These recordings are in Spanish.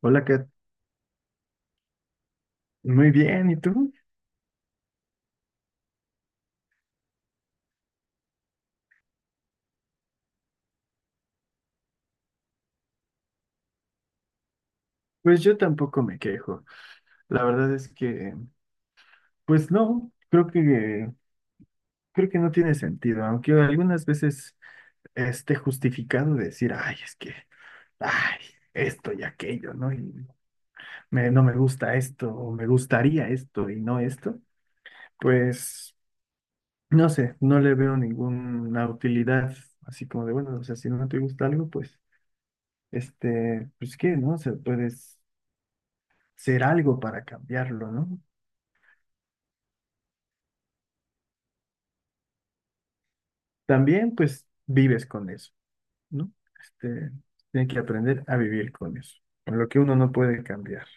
Hola, Kat. Muy bien, ¿y tú? Pues yo tampoco me quejo. La verdad es que, pues no, creo que no tiene sentido, aunque algunas veces esté justificado decir, ay, es que, ay, esto y aquello, ¿no? Y no me gusta esto, o me gustaría esto y no esto. Pues, no sé, no le veo ninguna utilidad, así como de, bueno, o sea, si no te gusta algo, pues, pues qué, ¿no? O sea, puedes hacer algo para cambiarlo, ¿no? También pues vives con eso, ¿no? Este, tiene que aprender a vivir con eso, con lo que uno no puede cambiar.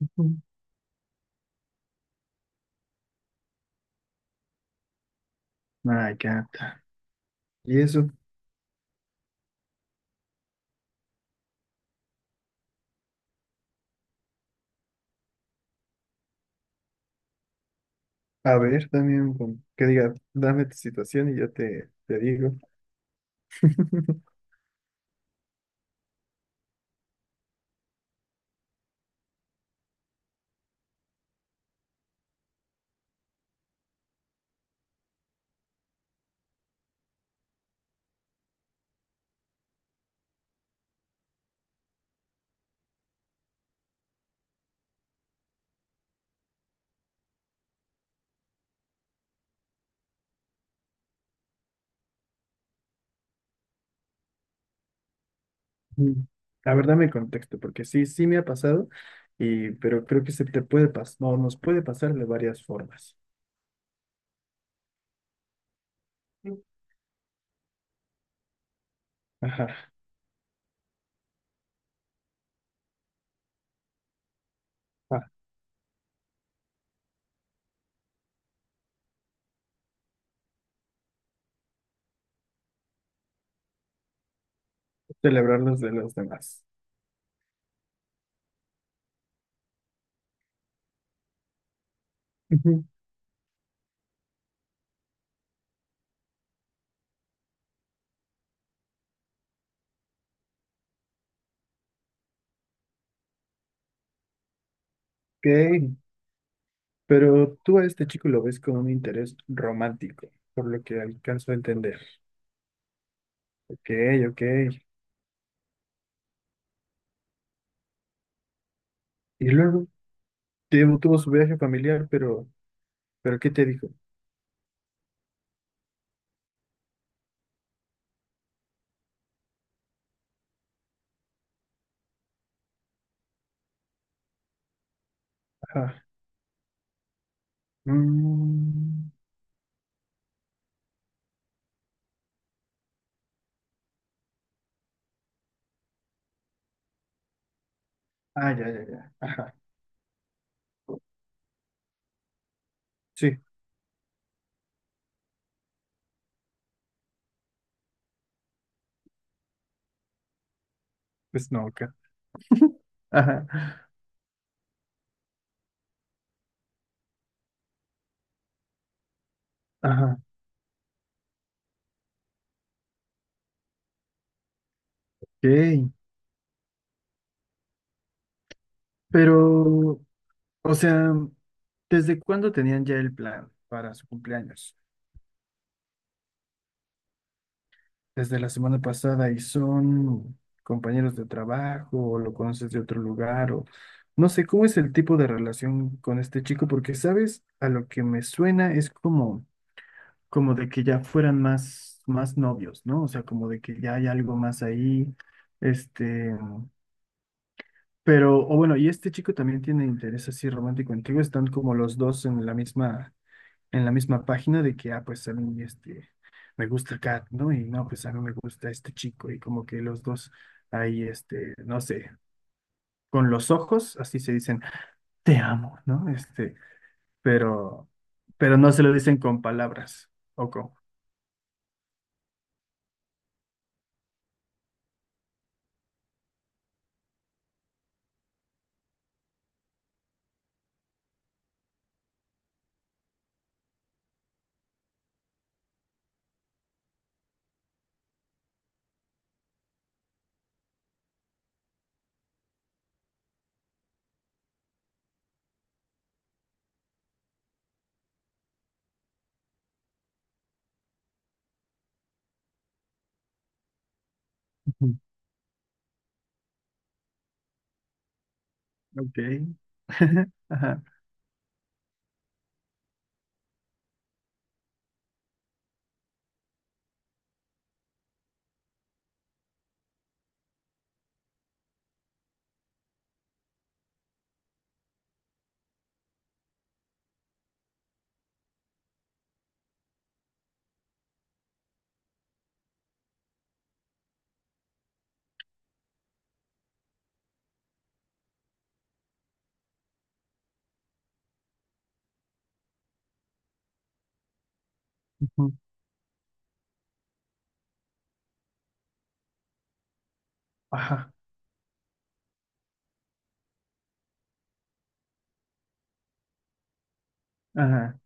Ujú. Ah, ya está. Y eso, a ver, también que diga, dame tu situación y yo te digo. Mm. La verdad me contexto, porque sí, sí me ha pasado, y, pero creo que se te puede pasar, no, nos puede pasar de varias formas. Mm. Ajá. Ah, celebrar los de los demás. Ujú. Ok. Pero tú a este chico lo ves con un interés romántico, por lo que alcanzo a entender. Ok, ok. Y luego tuvo su viaje familiar, pero ¿qué te dijo? Ajá. Mm, ah, ya, ya, ya. Ajá. Sí, pues no, acá. Ajá. Ajá. Ok. Pero, o sea, ¿desde cuándo tenían ya el plan para su cumpleaños? Desde la semana pasada y son compañeros de trabajo o lo conoces de otro lugar o no sé cómo es el tipo de relación con este chico porque sabes, a lo que me suena es como de que ya fueran más novios, ¿no? O sea, como de que ya hay algo más ahí, este, pero o bueno, y este chico también tiene interés así romántico contigo, están como los dos en la misma página de que, ah, pues a mí me gusta Kat, ¿no? Y no, pues a mí me gusta este chico y como que los dos ahí, no sé, con los ojos, así se dicen, te amo, ¿no? Pero, pero no se lo dicen con palabras, o con, Ujú, ok, ajá, ujú. Ajá, ajá.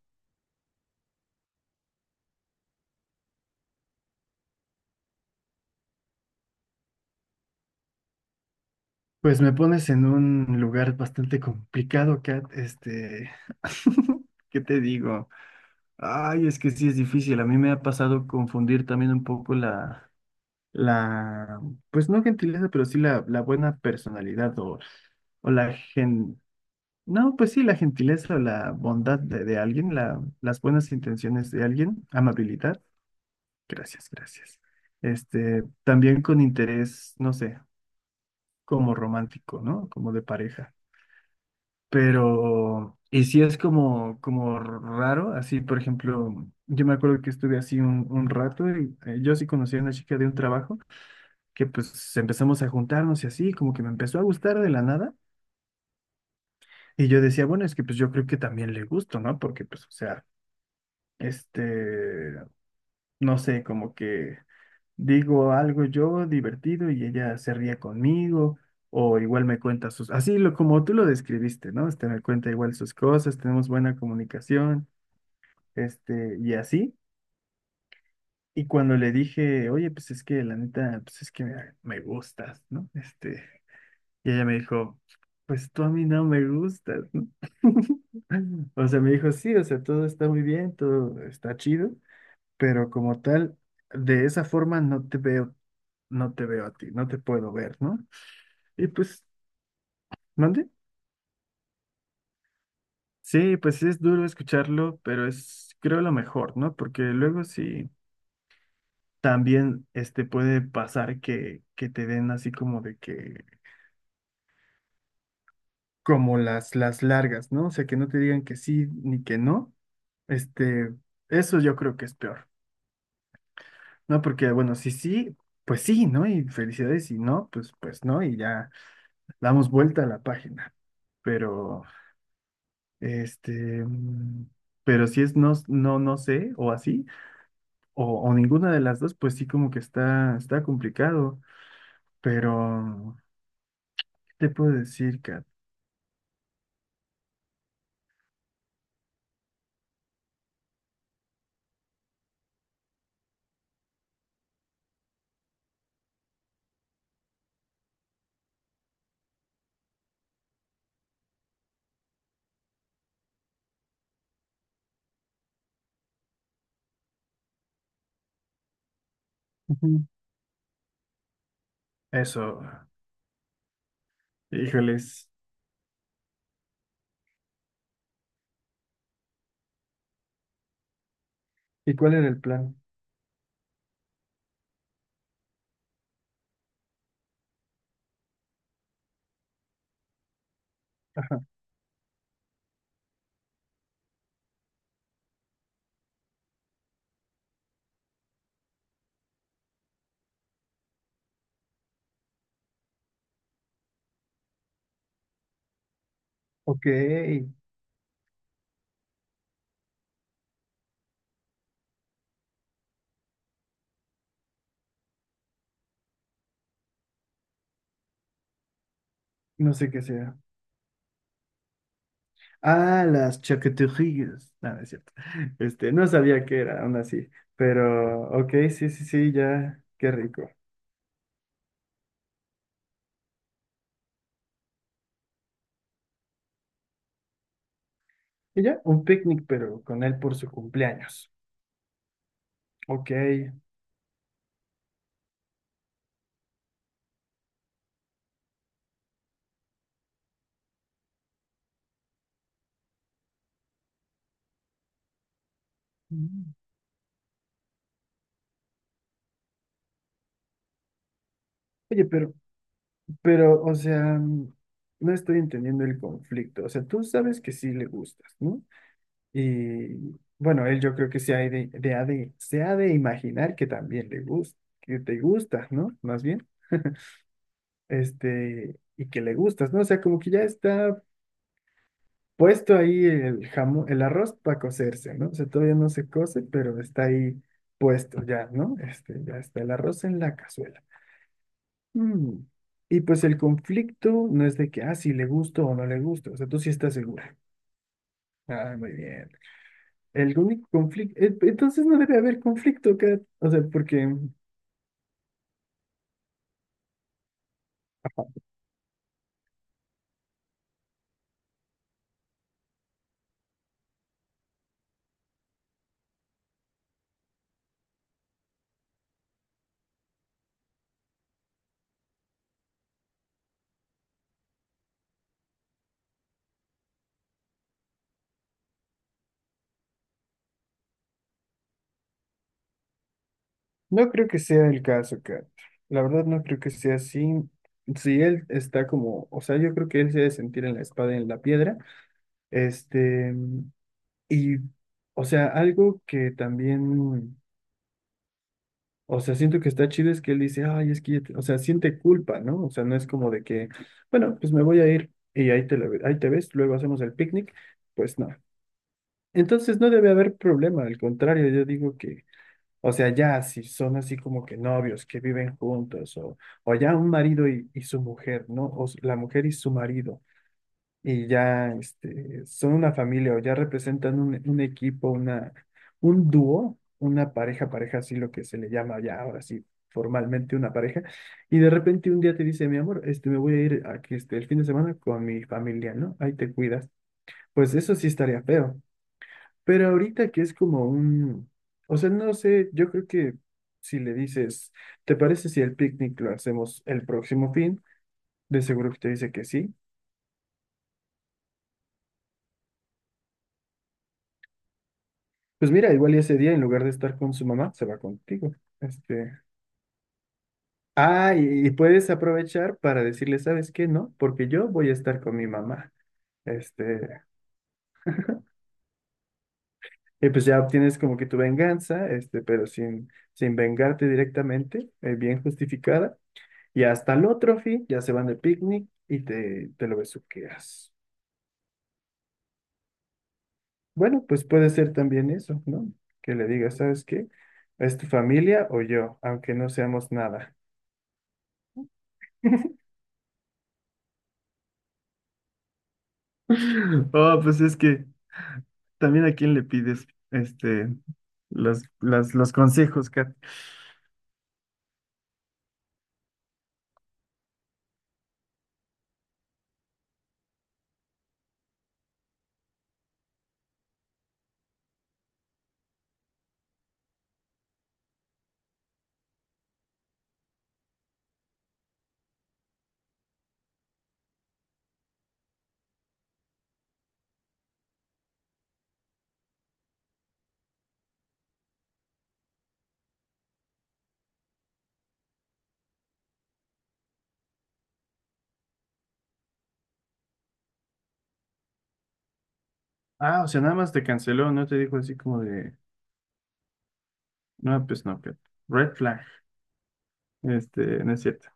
Pues me pones en un lugar bastante complicado, Kat, ¿qué te digo? Ay, es que sí es difícil. A mí me ha pasado confundir también un poco la, pues no gentileza, pero sí la buena personalidad o, o la gen, no, pues sí, la gentileza o la bondad de alguien, las buenas intenciones de alguien, amabilidad. Gracias, gracias. Este, también con interés, no sé, como romántico, ¿no? Como de pareja. Pero, y sí es como raro, así, por ejemplo, yo me acuerdo que estuve así un rato y yo sí conocí a una chica de un trabajo que pues empezamos a juntarnos y así, como que me empezó a gustar de la nada. Y yo decía, bueno, es que pues yo creo que también le gusto, ¿no? Porque pues, o sea, este, no sé, como que digo algo yo divertido y ella se ríe conmigo. O igual me cuenta sus, así como tú lo describiste, ¿no? Me cuenta igual sus cosas, tenemos buena comunicación, y así. Y cuando le dije, oye, pues es que la neta, pues es que me gustas, ¿no? Y ella me dijo, pues tú a mí no me gustas, ¿no? O sea, me dijo, sí, o sea, todo está muy bien, todo está chido, pero como tal, de esa forma no te veo, no te veo a ti, no te puedo ver, ¿no? Y pues, ¿mande? Sí, pues es duro escucharlo, pero es, creo, lo mejor, ¿no? Porque luego sí. También puede pasar que te den así como de que, como las largas, ¿no? O sea, que no te digan que sí ni que no. Este, eso yo creo que es peor, ¿no? Porque, bueno, si sí, pues sí, ¿no? Y felicidades, si no, pues, pues no, y ya damos vuelta a la página. Pero, este, mm, pero si es no, no, no sé, o así, o ninguna de las dos, pues sí como que está, está complicado. Pero, ¿qué te puedo decir, Kat? Ujú. Eso, híjoles. ¿Y cuál era el plan? Ajá. Ok. No sé qué sea. Ah, las chaqueterías. No, no es cierto. No sabía qué era, aún así. Pero, ok, sí, sí, sí, ya, qué rico. Y ya, un picnic, pero con él por su cumpleaños. Ok. Mm. Oye, pero, o sea, no estoy entendiendo el conflicto. O sea, tú sabes que sí le gustas, ¿no? Y bueno, él yo creo que se ha de imaginar que también le gusta, que te gustas, ¿no? Más bien, y que le gustas, ¿no? O sea, como que ya está puesto ahí el jamón, el arroz para cocerse, ¿no? O sea, todavía no se cose, pero está ahí puesto ya, ¿no? Ya está el arroz en la cazuela. Mm. Y pues el conflicto no es de que, ah, si le gusto o no le gusto, o sea, tú sí estás segura. Ah, muy bien. El único conflicto, entonces no debe haber conflicto, Kat. O sea, porque no creo que sea el caso, Kat. La verdad no creo que sea así. Si él está como, o sea, yo creo que él se debe sentir en la espada y en la piedra. Este, y, o sea, algo que también, o sea, siento que está chido es que él dice, ay, es que, o sea, siente culpa, ¿no? O sea, no es como de que, bueno, pues me voy a ir y ahí ahí te ves, luego hacemos el picnic. Pues no. Entonces no debe haber problema, al contrario, yo digo que, o sea, ya si son así como que novios que viven juntos, o ya un marido y su mujer, ¿no? O la mujer y su marido, y ya son una familia, o ya representan un equipo, un dúo, una pareja, pareja, así lo que se le llama ya ahora sí, formalmente una pareja, y de repente un día te dice, mi amor, me voy a ir aquí el fin de semana con mi familia, ¿no? Ahí te cuidas. Pues eso sí estaría feo. Pero ahorita que es como o sea, no sé, yo creo que si le dices, ¿te parece si el picnic lo hacemos el próximo fin? De seguro que te dice que sí. Pues mira, igual y ese día en lugar de estar con su mamá, se va contigo. Este, ah, y puedes aprovechar para decirle, ¿sabes qué? No, porque yo voy a estar con mi mamá. Este, y pues ya obtienes como que tu venganza, este, pero sin vengarte directamente, bien justificada. Y hasta el otro fin ya se van de picnic y te lo besuqueas. Bueno, pues puede ser también eso, ¿no? Que le digas, ¿sabes qué? ¿Es tu familia o yo? Aunque no seamos nada. Oh, pues es que también a quién le pides los consejos, Kat. Ah, o sea, nada más te canceló, no te dijo así como de, no, pues no, Kat. Red flag. No es cierto.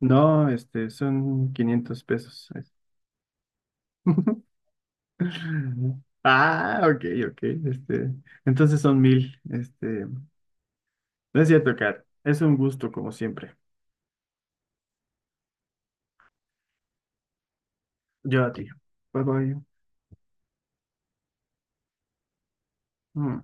No, son 500 pesos. Ah, ok, ok. Este, entonces son 1,000. No es cierto, Kat. Es un gusto, como siempre. Yo a ti. Bye bye. Mm.